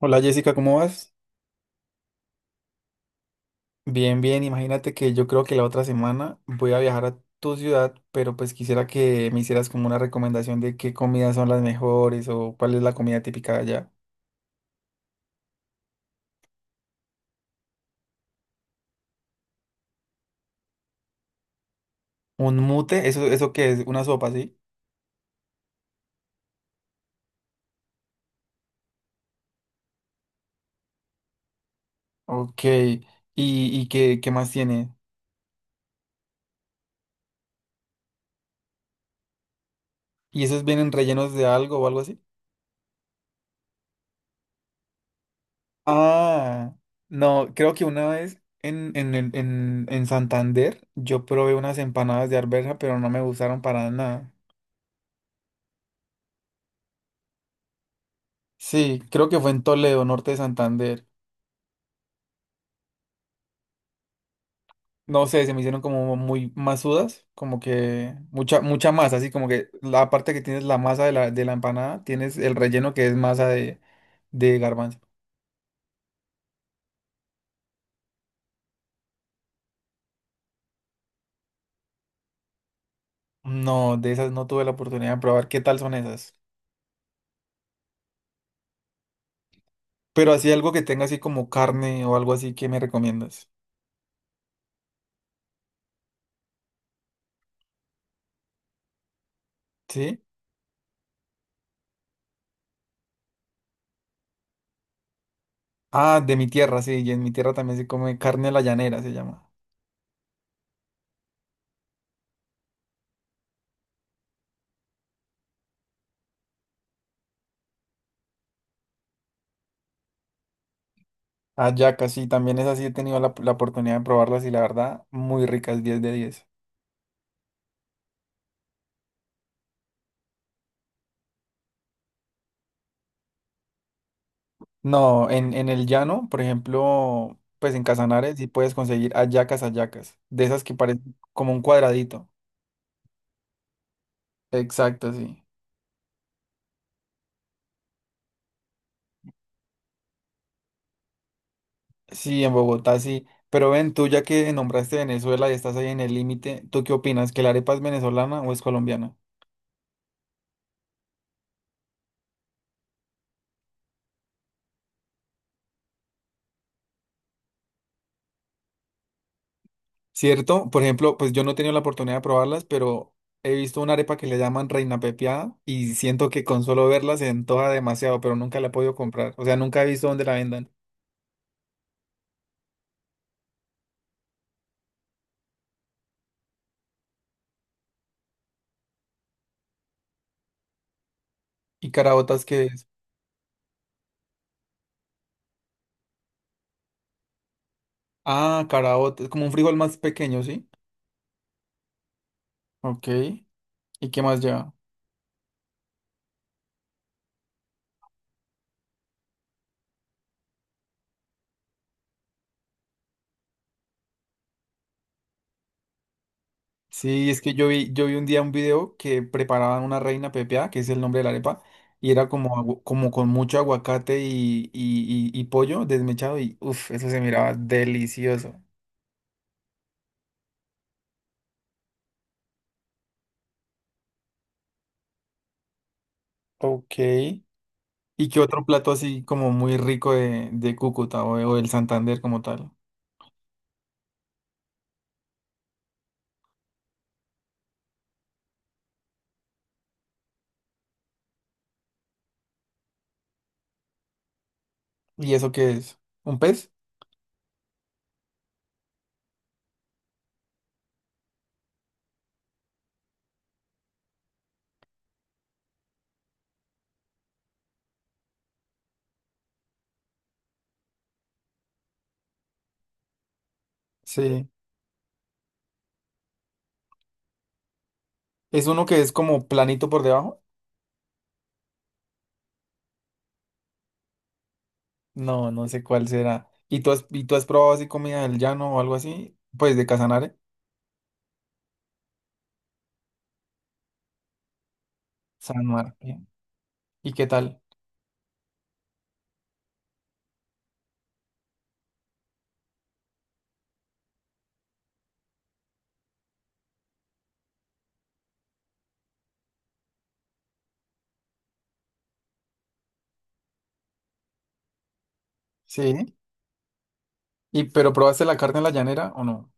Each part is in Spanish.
Hola Jessica, ¿cómo vas? Bien, bien, imagínate que yo creo que la otra semana voy a viajar a tu ciudad, pero pues quisiera que me hicieras como una recomendación de qué comidas son las mejores o cuál es la comida típica de allá. Un mute, eso qué es una sopa, ¿sí? Ok, y qué, qué más tiene? ¿Y esos vienen rellenos de algo o algo así? Ah, no, creo que una vez en Santander yo probé unas empanadas de arveja, pero no me gustaron para nada. Sí, creo que fue en Toledo, norte de Santander. No sé, se me hicieron como muy masudas, como que mucha, mucha masa, así como que la parte que tienes la masa de de la empanada, tienes el relleno que es masa de garbanzo. No, de esas no tuve la oportunidad de probar. ¿Qué tal son esas? Pero así algo que tenga así como carne o algo así que me recomiendas. ¿Sí? Ah, de mi tierra, sí, y en mi tierra también se come carne a la llanera, se llama. Hallaca, sí, también es así, he tenido la oportunidad de probarlas y la verdad, muy ricas, 10 de 10. No, en el llano, por ejemplo, pues en Casanares sí puedes conseguir hallacas, hallacas, de esas que parecen como un cuadradito. Exacto, sí. Sí, en Bogotá sí. Pero ven, tú ya que nombraste Venezuela y estás ahí en el límite, ¿tú qué opinas? ¿Que la arepa es venezolana o es colombiana? ¿Cierto? Por ejemplo, pues yo no he tenido la oportunidad de probarlas, pero he visto una arepa que le llaman Reina Pepiada y siento que con solo verla se antoja demasiado, pero nunca la he podido comprar. O sea, nunca he visto dónde la vendan. ¿Y caraotas que es? Ah, caraota, es como un frijol más pequeño, ¿sí? Ok. ¿Y qué más lleva? Sí, es que yo vi un día un video que preparaban una reina pepiada, que es el nombre de la arepa, y era como, agu- como con mucho aguacate y pollo desmechado, y uff, eso se miraba delicioso. Ok. ¿Y qué otro plato así como muy rico de Cúcuta o, de- o del Santander como tal? ¿Y eso qué es? ¿Un pez? Sí. ¿Es uno que es como planito por debajo? No, no sé cuál será. ¿Y y tú has probado así comida del llano o algo así? Pues de Casanare, San Martín. ¿Y qué tal? Sí. ¿Y pero probaste la carne en la llanera o no?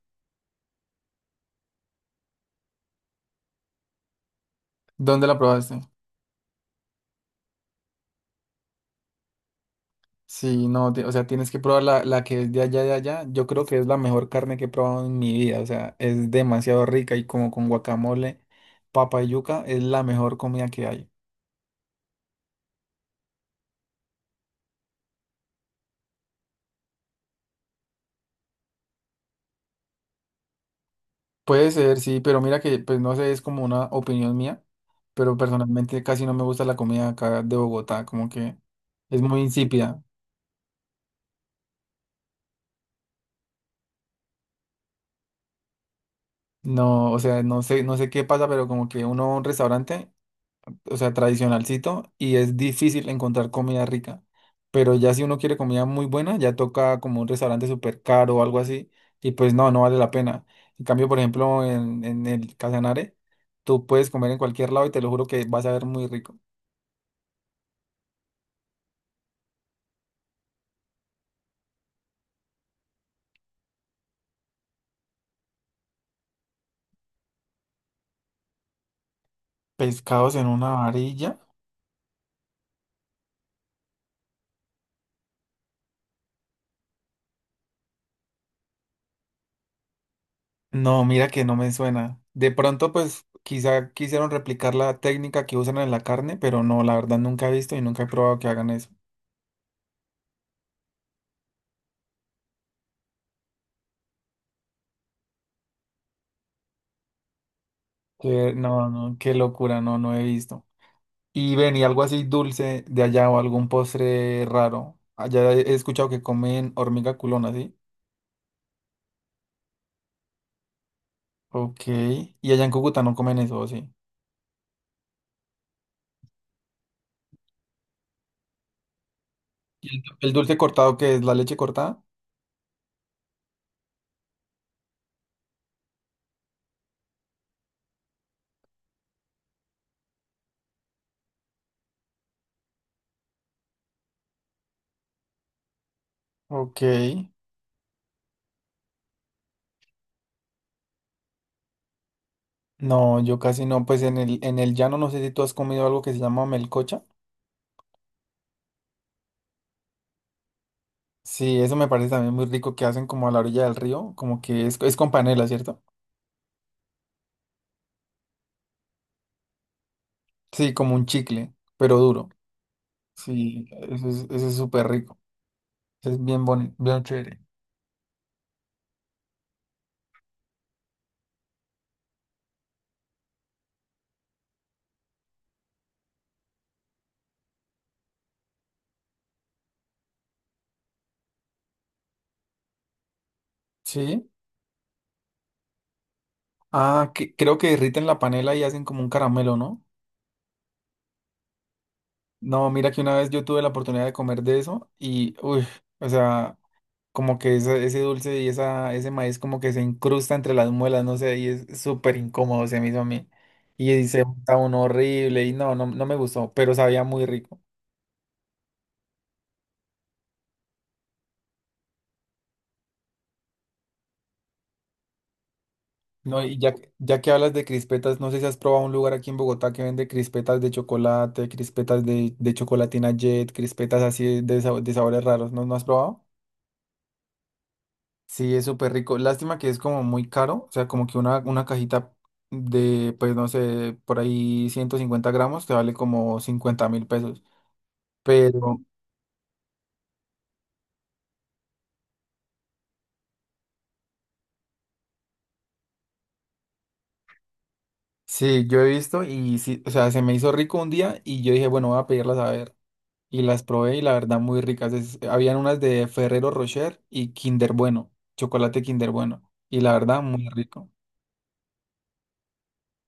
¿Dónde la probaste? Sí, no, ti- o sea, tienes que probar la que es de allá, de allá. Yo creo que es la mejor carne que he probado en mi vida. O sea, es demasiado rica y como con guacamole, papa y yuca, es la mejor comida que hay. Puede ser, sí, pero mira que, pues no sé, es como una opinión mía, pero personalmente casi no me gusta la comida acá de Bogotá, como que es muy insípida. No, o sea, no sé, no sé qué pasa, pero como que uno va a un restaurante, o sea, tradicionalcito, y es difícil encontrar comida rica. Pero ya si uno quiere comida muy buena, ya toca como un restaurante súper caro o algo así, y pues no, no vale la pena. En cambio, por ejemplo, en el Casanare, tú puedes comer en cualquier lado y te lo juro que vas a ver muy rico. Pescados en una varilla. No, mira que no me suena. De pronto, pues quizá quisieron replicar la técnica que usan en la carne, pero no, la verdad nunca he visto y nunca he probado que hagan eso. Que, no, no, qué locura, no, no he visto. Y ven, y algo así dulce de allá o algún postre raro. Allá he escuchado que comen hormiga culona, ¿sí? Ok. Y allá en Cúcuta no comen eso, ¿o sí? ¿Y el dulce cortado que es la leche cortada? Ok. No, yo casi no. Pues en el llano no sé si tú has comido algo que se llama melcocha. Sí, eso me parece también muy rico que hacen como a la orilla del río, como que es con panela, ¿cierto? Sí, como un chicle, pero duro. Sí, eso es súper rico. Es bien bonito, bien chévere. Sí. Ah, que, creo que derriten la panela y hacen como un caramelo, ¿no? No, mira que una vez yo tuve la oportunidad de comer de eso y, uy, o sea, como que ese dulce y esa, ese maíz como que se incrusta entre las muelas, no sé, y es súper incómodo se me hizo a mí. Y se está uno horrible y no, no, no me gustó, pero sabía muy rico. No, y ya que hablas de crispetas, no sé si has probado un lugar aquí en Bogotá que vende crispetas de chocolate, crispetas de chocolatina Jet, crispetas así de, sab- de sabores raros, ¿no, no has probado? Sí, es súper rico. Lástima que es como muy caro. O sea, como que una cajita de, pues no sé, por ahí 150 gramos te vale como 50.000 pesos. Pero sí, yo he visto y sí, o sea, se me hizo rico un día y yo dije, bueno, voy a pedirlas a ver. Y las probé y la verdad muy ricas. Es- habían unas de Ferrero Rocher y Kinder Bueno, chocolate Kinder Bueno. Y la verdad muy rico.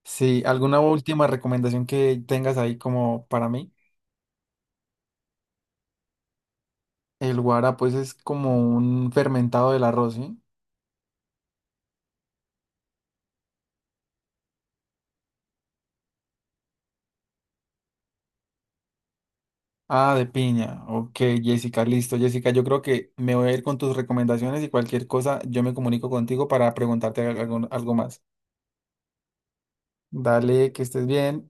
Sí, ¿alguna última recomendación que tengas ahí como para mí? El guara, pues es como un fermentado del arroz, ¿sí? Ah, de piña. Ok, Jessica, listo. Jessica, yo creo que me voy a ir con tus recomendaciones y cualquier cosa yo me comunico contigo para preguntarte algo, algo más. Dale, que estés bien.